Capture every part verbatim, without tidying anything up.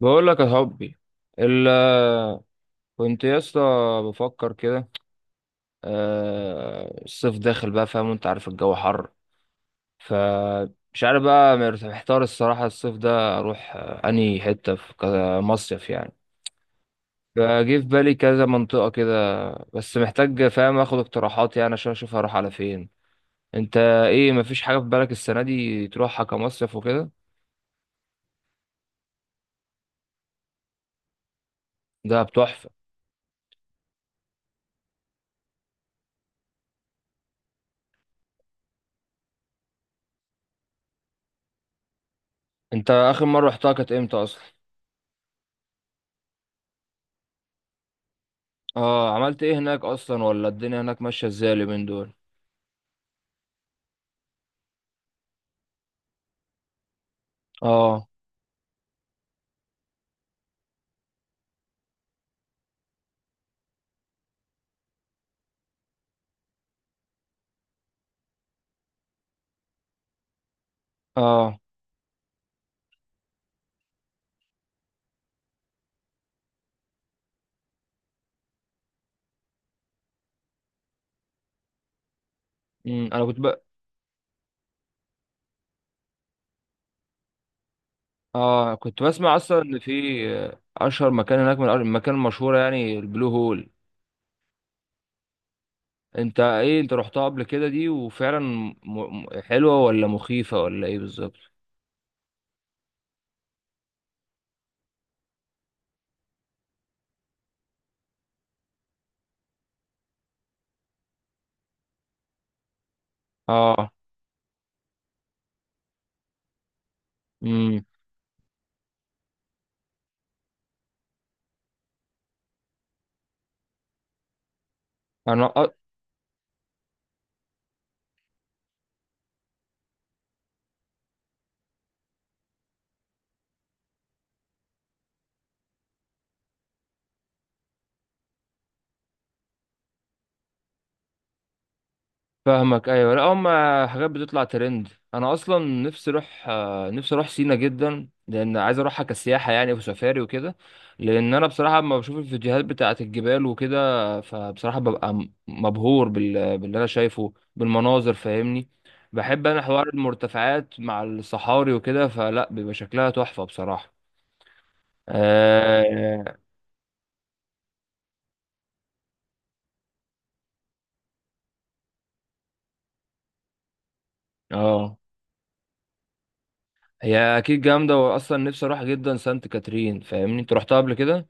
بقول لك يا حبي. ال كنت يا اسطى بفكر كده. آه، الصيف داخل بقى، فاهم؟ وانت عارف الجو حر. فمش عارف بقى، مرت- محتار الصراحة. الصيف ده اروح آه، انهي حتة، في كذا مصيف يعني. فجه في بالي كذا منطقة كده. بس محتاج، فاهم، اخد اقتراحات يعني عشان اشوف هروح على فين. انت ايه؟ مفيش حاجة في بالك السنة دي تروحها كمصيف وكده؟ ده بتحفة. انت اخر مرة رحتها كانت امتى اصلا؟ اه، عملت ايه هناك اصلا، ولا الدنيا هناك ماشيه ازاي اليومين دول؟ اه، اه. امم انا كنت ب... اه، كنت بسمع اصلا ان في آه، اشهر مكان هناك من المكان المشهوره يعني، البلو هول. انت ايه، انت رحتها قبل كده دي؟ وفعلا م... م... حلوه ولا مخيفه ولا ايه بالظبط؟ اه. امم انا فاهمك، ايوه، لا هم حاجات بتطلع ترند. انا اصلا نفسي اروح، آه، نفسي اروح سينا جدا، لان عايز اروحها كسياحه يعني، وسفاري وكده. لان انا بصراحه لما بشوف الفيديوهات بتاعه الجبال وكده، فبصراحه ببقى م- مبهور بال... باللي انا شايفه بالمناظر، فاهمني؟ بحب انا حوار المرتفعات مع الصحاري وكده، فلا بيبقى شكلها تحفه بصراحه. اه. آه. هي اكيد جامده، واصلا نفسي اروح جدا سانت كاترين، فاهمني؟ انت رحتها قبل كده؟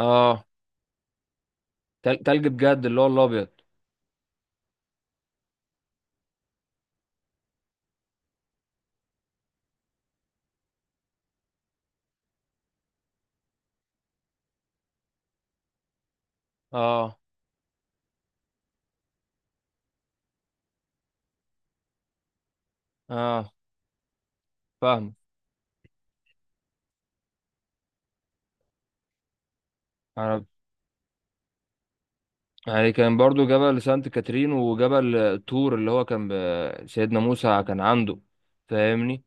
اه، تل- تلج بجد، اللي هو الابيض؟ اه، اه، فاهم. انا يعني كان برضو جبل سانت كاترين وجبل طور، اللي هو كان ب- سيدنا موسى كان عنده، فاهمني؟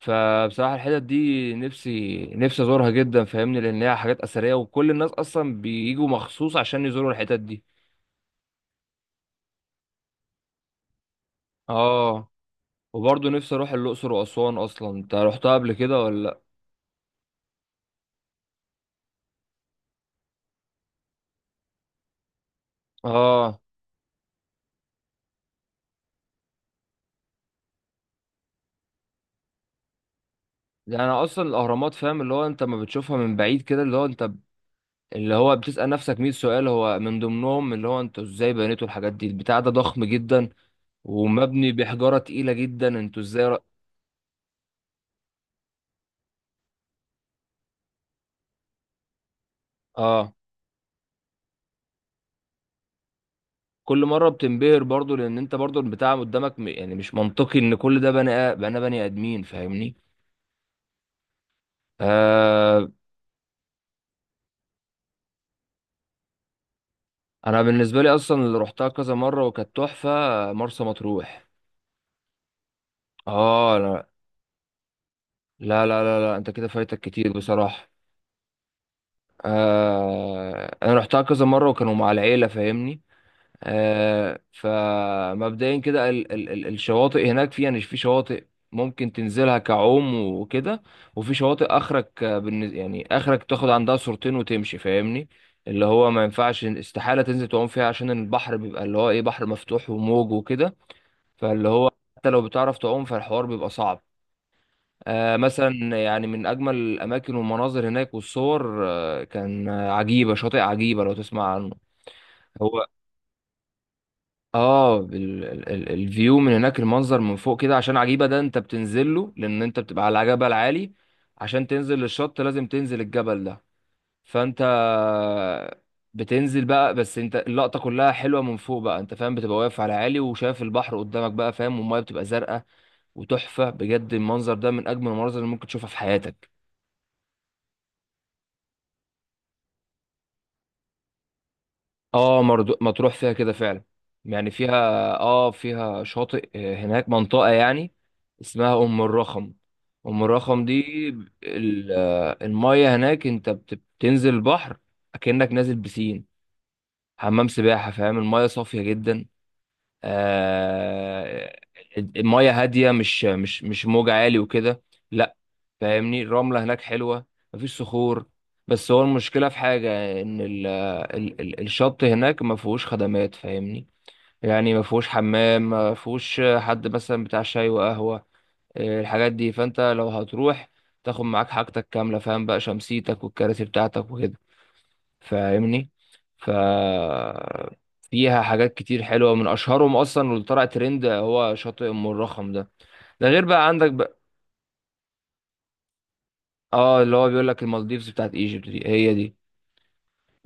فبصراحة الحتت دي نفسي نفسي ازورها جدا، فاهمني؟ لان هي حاجات اثرية، وكل الناس اصلا بيجوا مخصوص عشان يزوروا الحتت دي. اه. وبرضو نفسي اروح الاقصر واسوان اصلا. انت رحتها قبل كده ولا لا؟ اه. يعني اصلا الاهرامات، فاهم؟ اللي هو انت ما بتشوفها من بعيد كده، اللي هو انت اللي هو بتسأل نفسك مية سؤال، هو من ضمنهم اللي هو انتوا ازاي بنيتوا الحاجات دي؟ البتاع ده ضخم جدا، ومبني بحجارة تقيلة جدا، انتوا ازاي ر... اه، كل مرة بتنبهر برضو، لان انت برضو البتاع قدامك م... يعني مش منطقي ان كل ده بني آ- بني بني ادمين، فاهمني؟ آه انا بالنسبة لي اصلا اللي روحتها كذا مرة وكانت تحفة، آه، مرسى مطروح. اه، لا، لا، لا، لا، لا. انت كده فايتك كتير بصراحة. آه انا روحتها كذا مرة وكانوا مع العيلة، فاهمني؟ آه، فمبدئيا كده ال ال ال الشواطئ هناك فيها، يعني في شواطئ ممكن تنزلها كعوم وكده، وفي شواطئ اخرك، آه، بالن- يعني اخرك تاخد عندها صورتين وتمشي، فاهمني؟ اللي هو ما ينفعش، استحالة تنزل تعوم فيها عشان البحر بيبقى اللي هو ايه، بحر مفتوح وموج وكده. فاللي هو حتى لو بتعرف تعوم فالحوار بيبقى صعب. آه مثلا، يعني من اجمل الاماكن والمناظر هناك والصور آه كان، آه، عجيبة، شاطئ عجيبة لو تسمع عنه. هو اه ال- ال- ال- الفيو من هناك، المنظر من فوق كده، عشان عجيبة ده انت بتنزل له، لان انت بتبقى على جبل عالي. عشان تنزل للشط لازم تنزل الجبل ده. فانت بتنزل بقى، بس انت اللقطة كلها حلوة من فوق بقى، انت فاهم؟ بتبقى واقف على عالي وشايف البحر قدامك بقى، فاهم؟ والمية بتبقى زرقاء وتحفة. بجد المنظر ده من اجمل المناظر اللي ممكن تشوفها في حياتك. اه، مرضو... مطروح فيها كده فعلا، يعني فيها. اه، فيها شاطئ، آه، هناك منطقة يعني اسمها أم الرخم. أم الرخم دي ال... آه، المية هناك، انت بت- بتنزل البحر، أكنك نازل بسين، حمام سباحة، فاهم؟ المية صافية جدا، آه... المية هادية، مش مش مش موج عالي وكده، لا. فاهمني؟ الرملة هناك حلوة، مفيش صخور. بس هو المشكلة في حاجة، إن ال ال ال الشط هناك ما فيهوش خدمات، فاهمني؟ يعني ما فيهوش حمام، ما فيهوش حد مثلا بتاع شاي وقهوة، إيه الحاجات دي. فأنت لو هتروح تاخد معاك حاجتك كاملة، فاهم؟ بقى شمسيتك والكراسي بتاعتك وكده، فاهمني؟ ف فيها حاجات كتير حلوة، من أشهرهم أصلا واللي طلع ترند هو شاطئ أم الرخم ده. ده غير بقى عندك بقى. اه، اللي هو بيقول لك المالديفز بتاعت ايجيبت، دي هي دي.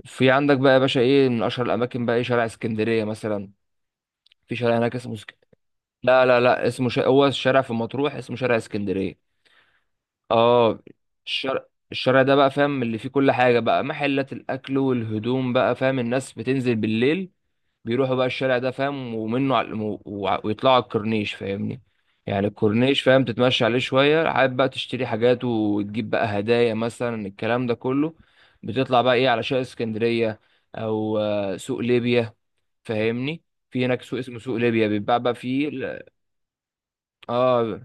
في عندك بقى يا باشا ايه، من اشهر الاماكن بقى ايه، شارع اسكندريه مثلا. في شارع هناك اسمه سك... لا، لا، لا، اسمه ش... هو الشارع في مطروح اسمه شارع اسكندريه. اه، الشارع، الشارع ده بقى، فاهم؟ اللي فيه كل حاجه بقى، محلات الاكل والهدوم بقى، فاهم؟ الناس بتنزل بالليل، بيروحوا بقى الشارع ده، فاهم؟ ومنه على و- وع- ويطلعوا على الكورنيش، فاهمني؟ يعني الكورنيش، فاهم؟ تتمشى عليه شوية، حابب بقى تشتري حاجات وتجيب بقى هدايا مثلا، الكلام ده كله. بتطلع بقى ايه على شارع اسكندرية، او آه، سوق ليبيا، فاهمني؟ في هناك سوق اسمه سوق ليبيا، بيتباع بقى فيه ال- اه.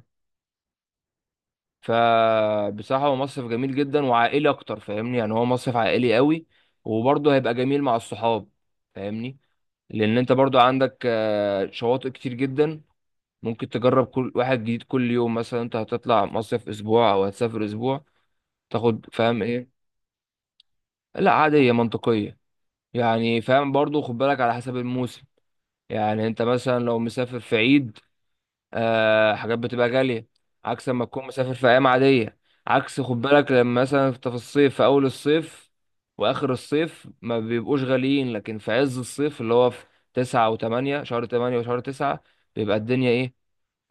فبصراحة هو مصيف جميل جدا وعائلي اكتر، فاهمني؟ يعني هو مصيف عائلي قوي، وبرضه هيبقى جميل مع الصحاب، فاهمني؟ لان انت برضه عندك آه، شواطئ كتير جدا، ممكن تجرب كل واحد جديد كل يوم. مثلا انت هتطلع مصيف اسبوع، او هتسافر اسبوع، تاخد فاهم ايه. لا، عادية منطقية، يعني فاهم؟ برضو خد بالك على حسب الموسم. يعني انت مثلا لو مسافر في عيد، آه حاجات بتبقى غالية، عكس لما تكون مسافر في ايام عادية. عكس خد بالك لما مثلا انت في الصيف، في اول الصيف واخر الصيف ما بيبقوش غاليين. لكن في عز الصيف، اللي هو في تسعة وتمانية، شهر تمانية وشهر تسعة، بيبقى الدنيا ايه،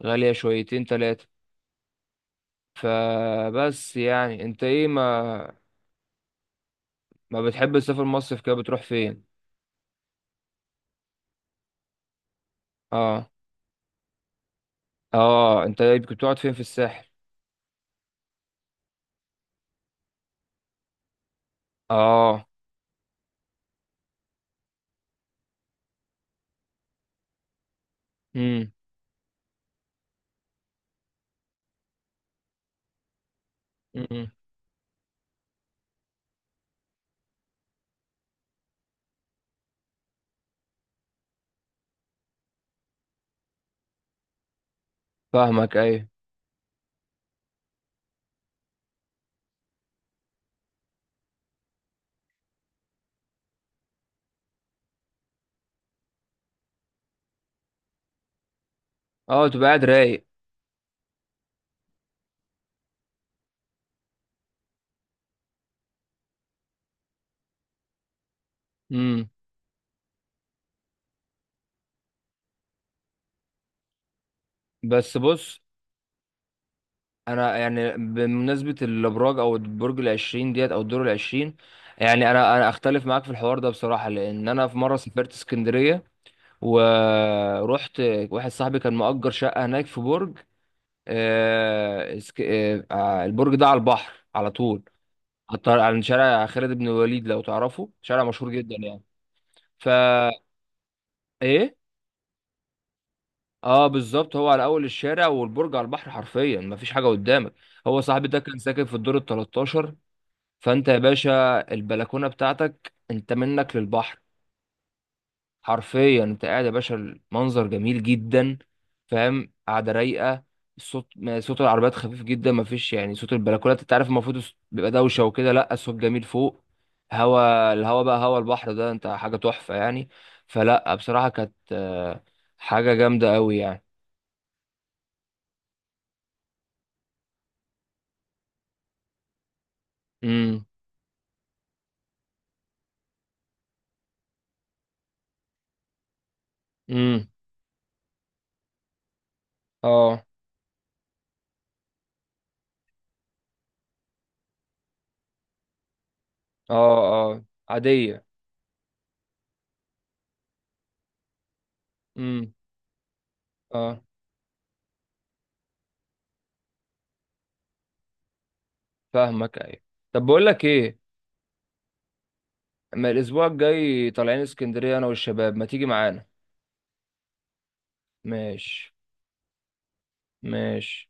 غالية شويتين تلاتة. فبس يعني انت ايه، ما ما بتحب تسافر مصيف كده؟ بتروح فين؟ اه، اه، انت ايه، كنت بتقعد فين في الساحل؟ اه. امم امم فاهمك ايوه. اه، تبقى قاعد رايق. امم بس بص، انا يعني بمناسبة الابراج، او البرج العشرين ديت، او الدور العشرين، يعني انا انا اختلف معاك في الحوار ده بصراحة. لان انا في مرة سافرت اسكندرية، ورحت، واحد صاحبي كان مأجر شقة هناك في برج، آه، اسك- آه، آه، البرج ده على البحر على طول، على الطر- على شارع خالد بن الوليد لو تعرفه، شارع مشهور جدا يعني. فا ايه، اه بالظبط، هو على اول الشارع، والبرج على البحر حرفيا، مفيش حاجه قدامك. هو صاحبي ده كان ساكن في الدور ال تلتاشر. فانت يا باشا البلكونه بتاعتك انت منك للبحر، حرفيا. انت قاعد يا باشا، المنظر جميل جدا، فاهم؟ قاعده رايقه. الصوت ما- صوت العربيات خفيف جدا، ما فيش يعني. صوت البلكونات انت عارف، المفروض الص- بيبقى دوشه وكده، لا الصوت جميل فوق. هوا الهوا بقى هوا البحر ده انت، حاجه تحفه يعني. فلا بصراحه كانت آه، حاجه جامده قوي يعني. امم، امم. اه، اه، اه، عاديه. امم، اه، فاهمك ايوه. طب بقول لك ايه، اما الاسبوع الجاي طالعين اسكندريه انا والشباب، ما تيجي معانا؟ ماشي، ماشي.